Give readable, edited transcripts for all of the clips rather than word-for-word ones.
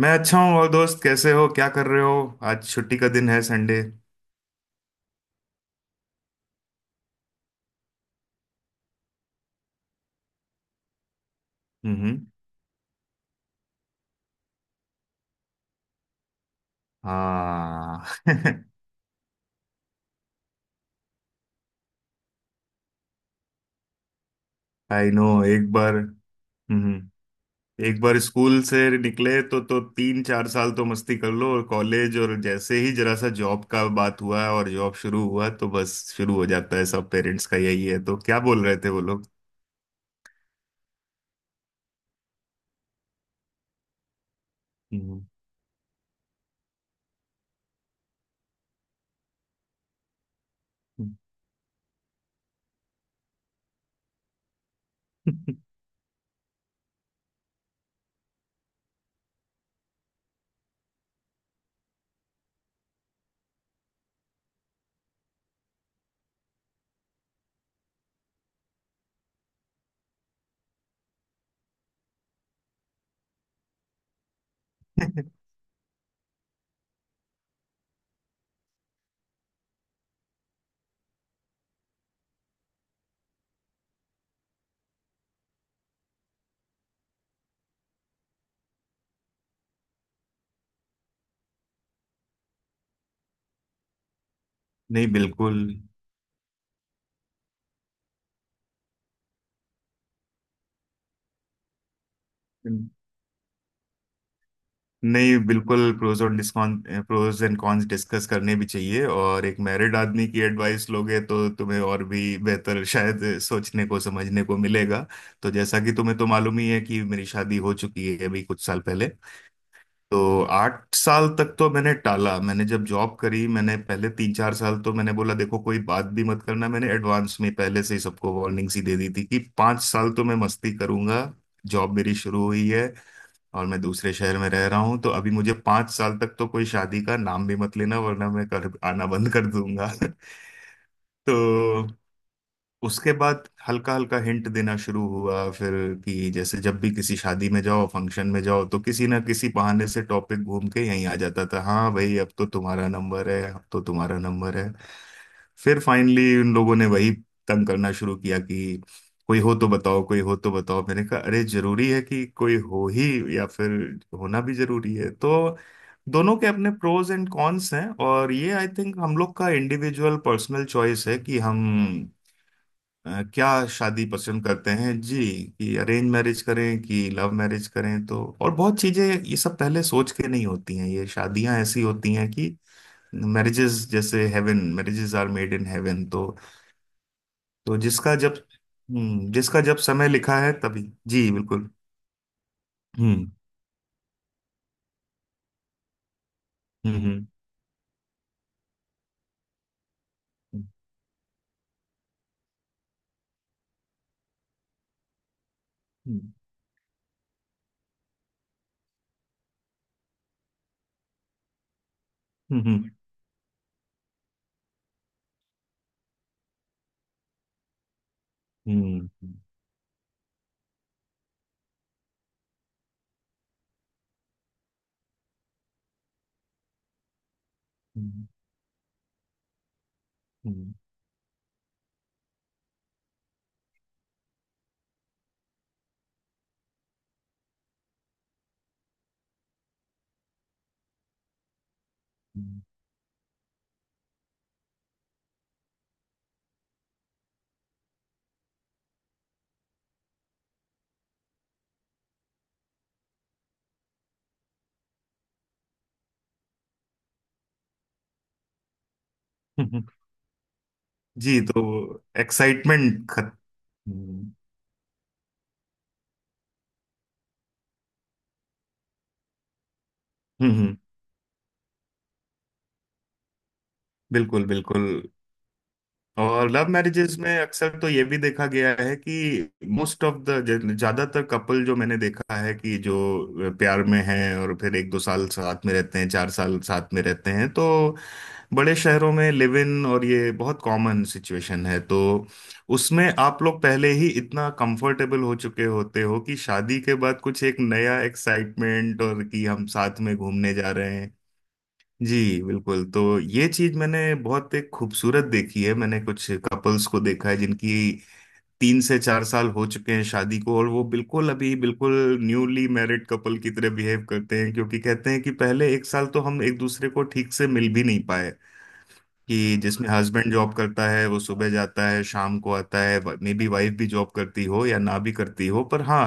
मैं अच्छा हूँ। और दोस्त कैसे हो, क्या कर रहे हो? आज छुट्टी का दिन है, संडे। हम्म। हाँ। आई नो, एक बार। हम्म। एक बार स्कूल से निकले तो तीन चार साल तो मस्ती कर लो और कॉलेज, और जैसे ही जरा सा जॉब का बात हुआ और जॉब शुरू हुआ तो बस शुरू हो जाता है सब। पेरेंट्स का यही है। तो क्या बोल रहे थे वो लोग? हम्म। नहीं, बिल्कुल। नहीं बिल्कुल प्रोज और डिस्कॉन प्रोज एंड कॉन्स डिस्कस करने भी चाहिए, और एक मैरिड आदमी की एडवाइस लोगे तो तुम्हें और भी बेहतर शायद सोचने को समझने को मिलेगा। तो जैसा कि तुम्हें तो मालूम ही है कि मेरी शादी हो चुकी है अभी कुछ साल पहले। तो 8 साल तक तो मैंने टाला। मैंने जब जॉब करी मैंने पहले तीन चार साल तो मैंने बोला देखो कोई बात भी मत करना, मैंने एडवांस में पहले से ही सबको वार्निंग सी दे दी थी कि 5 साल तो मैं मस्ती करूंगा, जॉब मेरी शुरू हुई है और मैं दूसरे शहर में रह रहा हूँ तो अभी मुझे 5 साल तक तो कोई शादी का नाम भी मत लेना वरना मैं कर आना बंद कर दूंगा। तो उसके बाद हल्का हल्का हिंट देना शुरू हुआ, फिर कि जैसे जब भी किसी शादी में जाओ फंक्शन में जाओ तो किसी ना किसी बहाने से टॉपिक घूम के यहीं आ जाता था, हाँ भाई अब तो तुम्हारा नंबर है, अब तो तुम्हारा नंबर है। फिर फाइनली उन लोगों ने वही तंग करना शुरू किया कि कोई हो तो बताओ, कोई हो तो बताओ। मैंने कहा अरे, जरूरी है कि कोई हो ही? या फिर होना भी जरूरी है? तो दोनों के अपने प्रोज एंड कॉन्स हैं, और ये आई थिंक हम लोग का इंडिविजुअल पर्सनल चॉइस है कि हम क्या शादी पसंद करते हैं जी, कि अरेंज मैरिज करें कि लव मैरिज करें। तो और बहुत चीजें ये सब पहले सोच के नहीं होती हैं, ये शादियां ऐसी होती हैं कि marriages are made in heaven. तो जिसका जब समय लिखा है तभी। जी बिल्कुल। हम्म। हम्म। हम्म। हम्म। हम्म। हम्म। हम्म। हम्म। हम्म। जी। तो एक्साइटमेंट खत हम्म। हम्म। बिल्कुल बिल्कुल। और लव मैरिजेज में अक्सर तो ये भी देखा गया है कि मोस्ट ऑफ द ज्यादातर कपल जो मैंने देखा है कि जो प्यार में हैं और फिर एक दो साल साथ में रहते हैं, चार साल साथ में रहते हैं, तो बड़े शहरों में लिव इन, और ये बहुत कॉमन सिचुएशन है। तो उसमें आप लोग पहले ही इतना कंफर्टेबल हो चुके होते हो कि शादी के बाद कुछ एक नया एक्साइटमेंट, और कि हम साथ में घूमने जा रहे हैं। जी बिल्कुल। तो ये चीज मैंने बहुत एक खूबसूरत देखी है। मैंने कुछ कपल्स को देखा है जिनकी तीन से चार साल हो चुके हैं शादी को, और वो बिल्कुल अभी बिल्कुल न्यूली मैरिड कपल की तरह बिहेव करते हैं, क्योंकि कहते हैं कि पहले एक साल तो हम एक दूसरे को ठीक से मिल भी नहीं पाए। कि जिसमें हस्बैंड जॉब करता है वो सुबह जाता है शाम को आता है, मे बी वाइफ भी जॉब करती हो या ना भी करती हो, पर हाँ,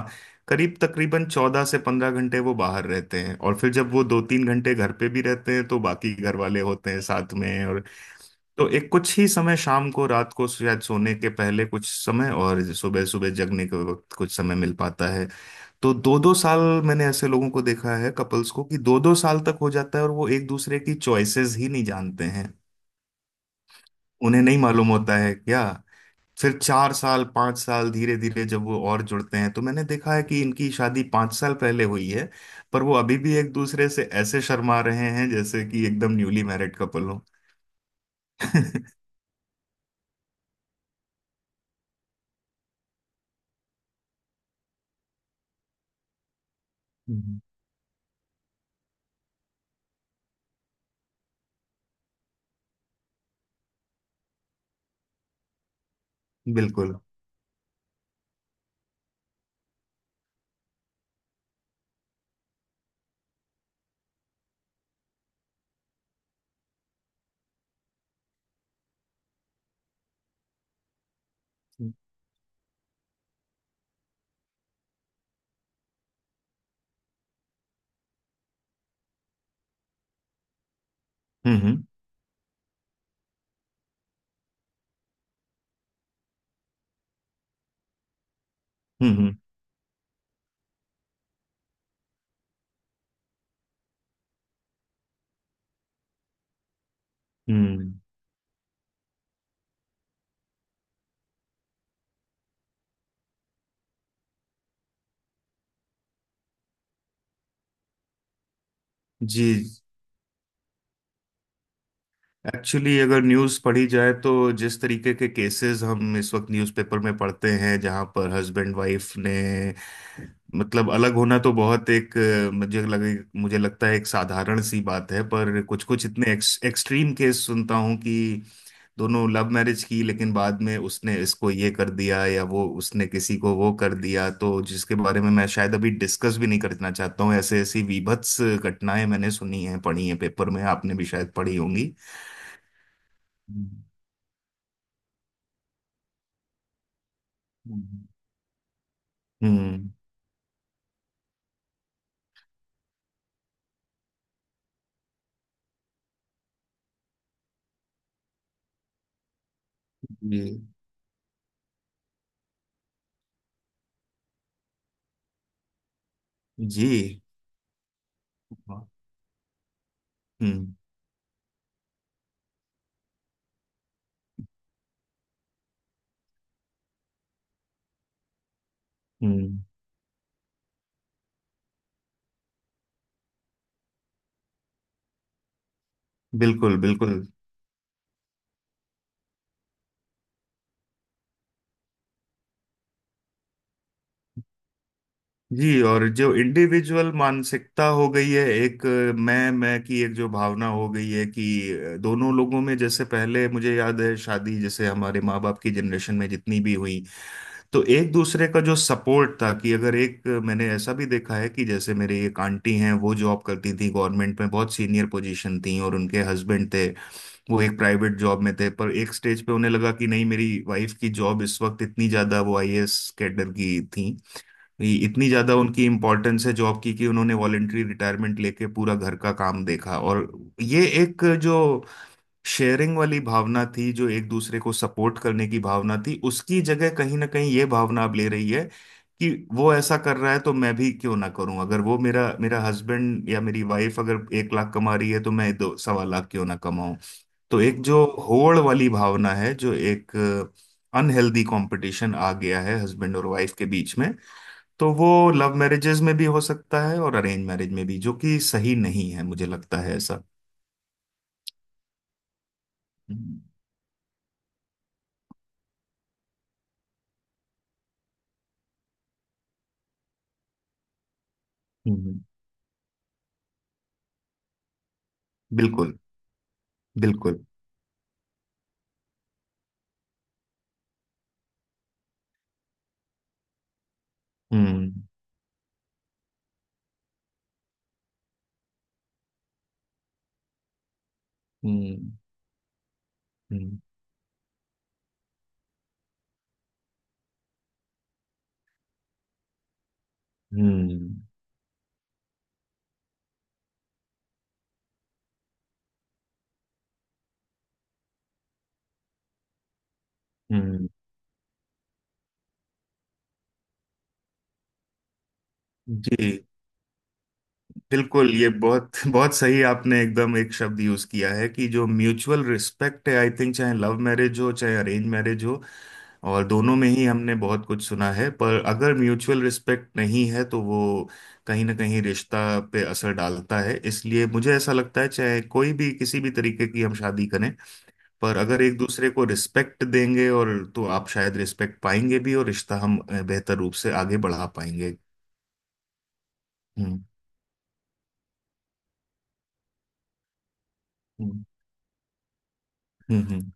करीब तकरीबन 14 से 15 घंटे वो बाहर रहते हैं, और फिर जब वो दो तीन घंटे घर पे भी रहते हैं तो बाकी घर वाले होते हैं साथ में, और तो एक कुछ ही समय शाम को रात को शायद सोने के पहले कुछ समय, और सुबह सुबह जगने के वक्त कुछ समय मिल पाता है। तो दो दो साल, मैंने ऐसे लोगों को देखा है कपल्स को कि दो दो साल तक हो जाता है और वो एक दूसरे की चॉइसेस ही नहीं जानते हैं, उन्हें नहीं मालूम होता है क्या। फिर चार साल पांच साल धीरे धीरे जब वो और जुड़ते हैं तो मैंने देखा है कि इनकी शादी 5 साल पहले हुई है, पर वो अभी भी एक दूसरे से ऐसे शर्मा रहे हैं जैसे कि एकदम न्यूली मैरिड कपल हो। हम्म, बिल्कुल। हम्म। हम्म। हम्म। हम्म। जी। एक्चुअली अगर न्यूज़ पढ़ी जाए तो जिस तरीके के केसेस हम इस वक्त न्यूज़पेपर में पढ़ते हैं जहां पर हस्बैंड वाइफ ने मतलब अलग होना तो बहुत एक मुझे लगता है एक साधारण सी बात है, पर कुछ कुछ इतने एक्सट्रीम केस सुनता हूँ कि दोनों लव मैरिज की लेकिन बाद में उसने इसको ये कर दिया या वो उसने किसी को वो कर दिया, तो जिसके बारे में मैं शायद अभी डिस्कस भी नहीं करना चाहता हूँ। ऐसे ऐसी बीभत्स घटनाएं मैंने सुनी हैं पढ़ी हैं पेपर में, आपने भी शायद पढ़ी होंगी। हम्म। हम्म। जी। जी। हम्म। हम्म। बिल्कुल बिल्कुल। जी, और जो इंडिविजुअल मानसिकता हो गई है एक मैं की एक जो भावना हो गई है कि दोनों लोगों में, जैसे पहले मुझे याद है शादी जैसे हमारे माँ बाप की जनरेशन में जितनी भी हुई, तो एक दूसरे का जो सपोर्ट था कि अगर एक मैंने ऐसा भी देखा है कि जैसे मेरे एक आंटी हैं, वो जॉब करती थी गवर्नमेंट में, बहुत सीनियर पोजीशन थी, और उनके हस्बैंड थे, वो एक प्राइवेट जॉब में थे, पर एक स्टेज पे उन्हें लगा कि नहीं मेरी वाइफ की जॉब इस वक्त इतनी ज्यादा, वो आईएएस कैडर की थी, ये इतनी ज्यादा उनकी इम्पोर्टेंस है जॉब की, कि उन्होंने वॉलेंटरी रिटायरमेंट लेके पूरा घर का काम देखा, और ये एक जो शेयरिंग वाली भावना थी, जो एक दूसरे को सपोर्ट करने की भावना थी, उसकी जगह कहीं ना कहीं ये भावना अब ले रही है कि वो ऐसा कर रहा है तो मैं भी क्यों ना करूं, अगर वो मेरा मेरा हस्बैंड या मेरी वाइफ अगर 1 लाख कमा रही है तो मैं दो सवा लाख क्यों ना कमाऊं। तो एक जो होड़ वाली भावना है, जो एक अनहेल्दी कंपटीशन आ गया है हस्बैंड और वाइफ के बीच में, तो वो लव मैरिजेज में भी हो सकता है और अरेंज मैरिज में भी, जो कि सही नहीं है मुझे लगता है, ऐसा। हम्म। हम्म। बिल्कुल बिल्कुल। हम्म। हम्म। हम्म। हम्म। हम्म। जी। बिल्कुल। ये बहुत बहुत सही आपने एकदम एक शब्द यूज किया है कि जो म्यूचुअल रिस्पेक्ट है, आई थिंक चाहे लव मैरिज हो चाहे अरेंज मैरिज हो, और दोनों में ही हमने बहुत कुछ सुना है, पर अगर म्यूचुअल रिस्पेक्ट नहीं है तो वो कहीं ना कहीं रिश्ता पे असर डालता है, इसलिए मुझे ऐसा लगता है चाहे कोई भी किसी भी तरीके की हम शादी करें, पर अगर एक दूसरे को रिस्पेक्ट देंगे और तो आप शायद रिस्पेक्ट पाएंगे भी और रिश्ता हम बेहतर रूप से आगे बढ़ा पाएंगे। हम्म। हम्म। हम्म। हम्म।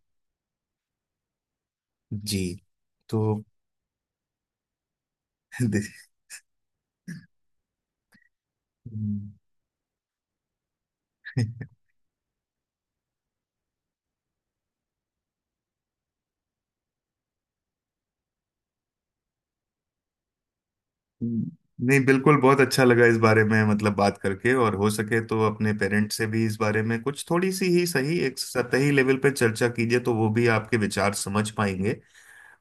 जी। तो दे- हम्म। नहीं, बिल्कुल बहुत अच्छा लगा इस बारे में मतलब बात करके, और हो सके तो अपने पेरेंट्स से भी इस बारे में कुछ थोड़ी सी ही सही एक सतही लेवल पर चर्चा कीजिए तो वो भी आपके विचार समझ पाएंगे।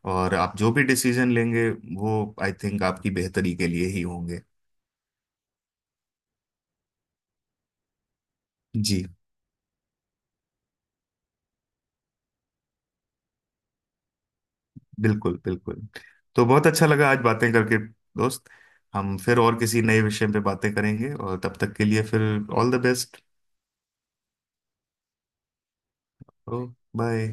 और आप जो भी डिसीजन लेंगे वो आई थिंक आपकी बेहतरी के लिए ही होंगे। जी बिल्कुल बिल्कुल। तो बहुत अच्छा लगा आज बातें करके दोस्त। हम फिर और किसी नए विषय पे बातें करेंगे, और तब तक के लिए फिर ऑल द बेस्ट। ओ। बाय।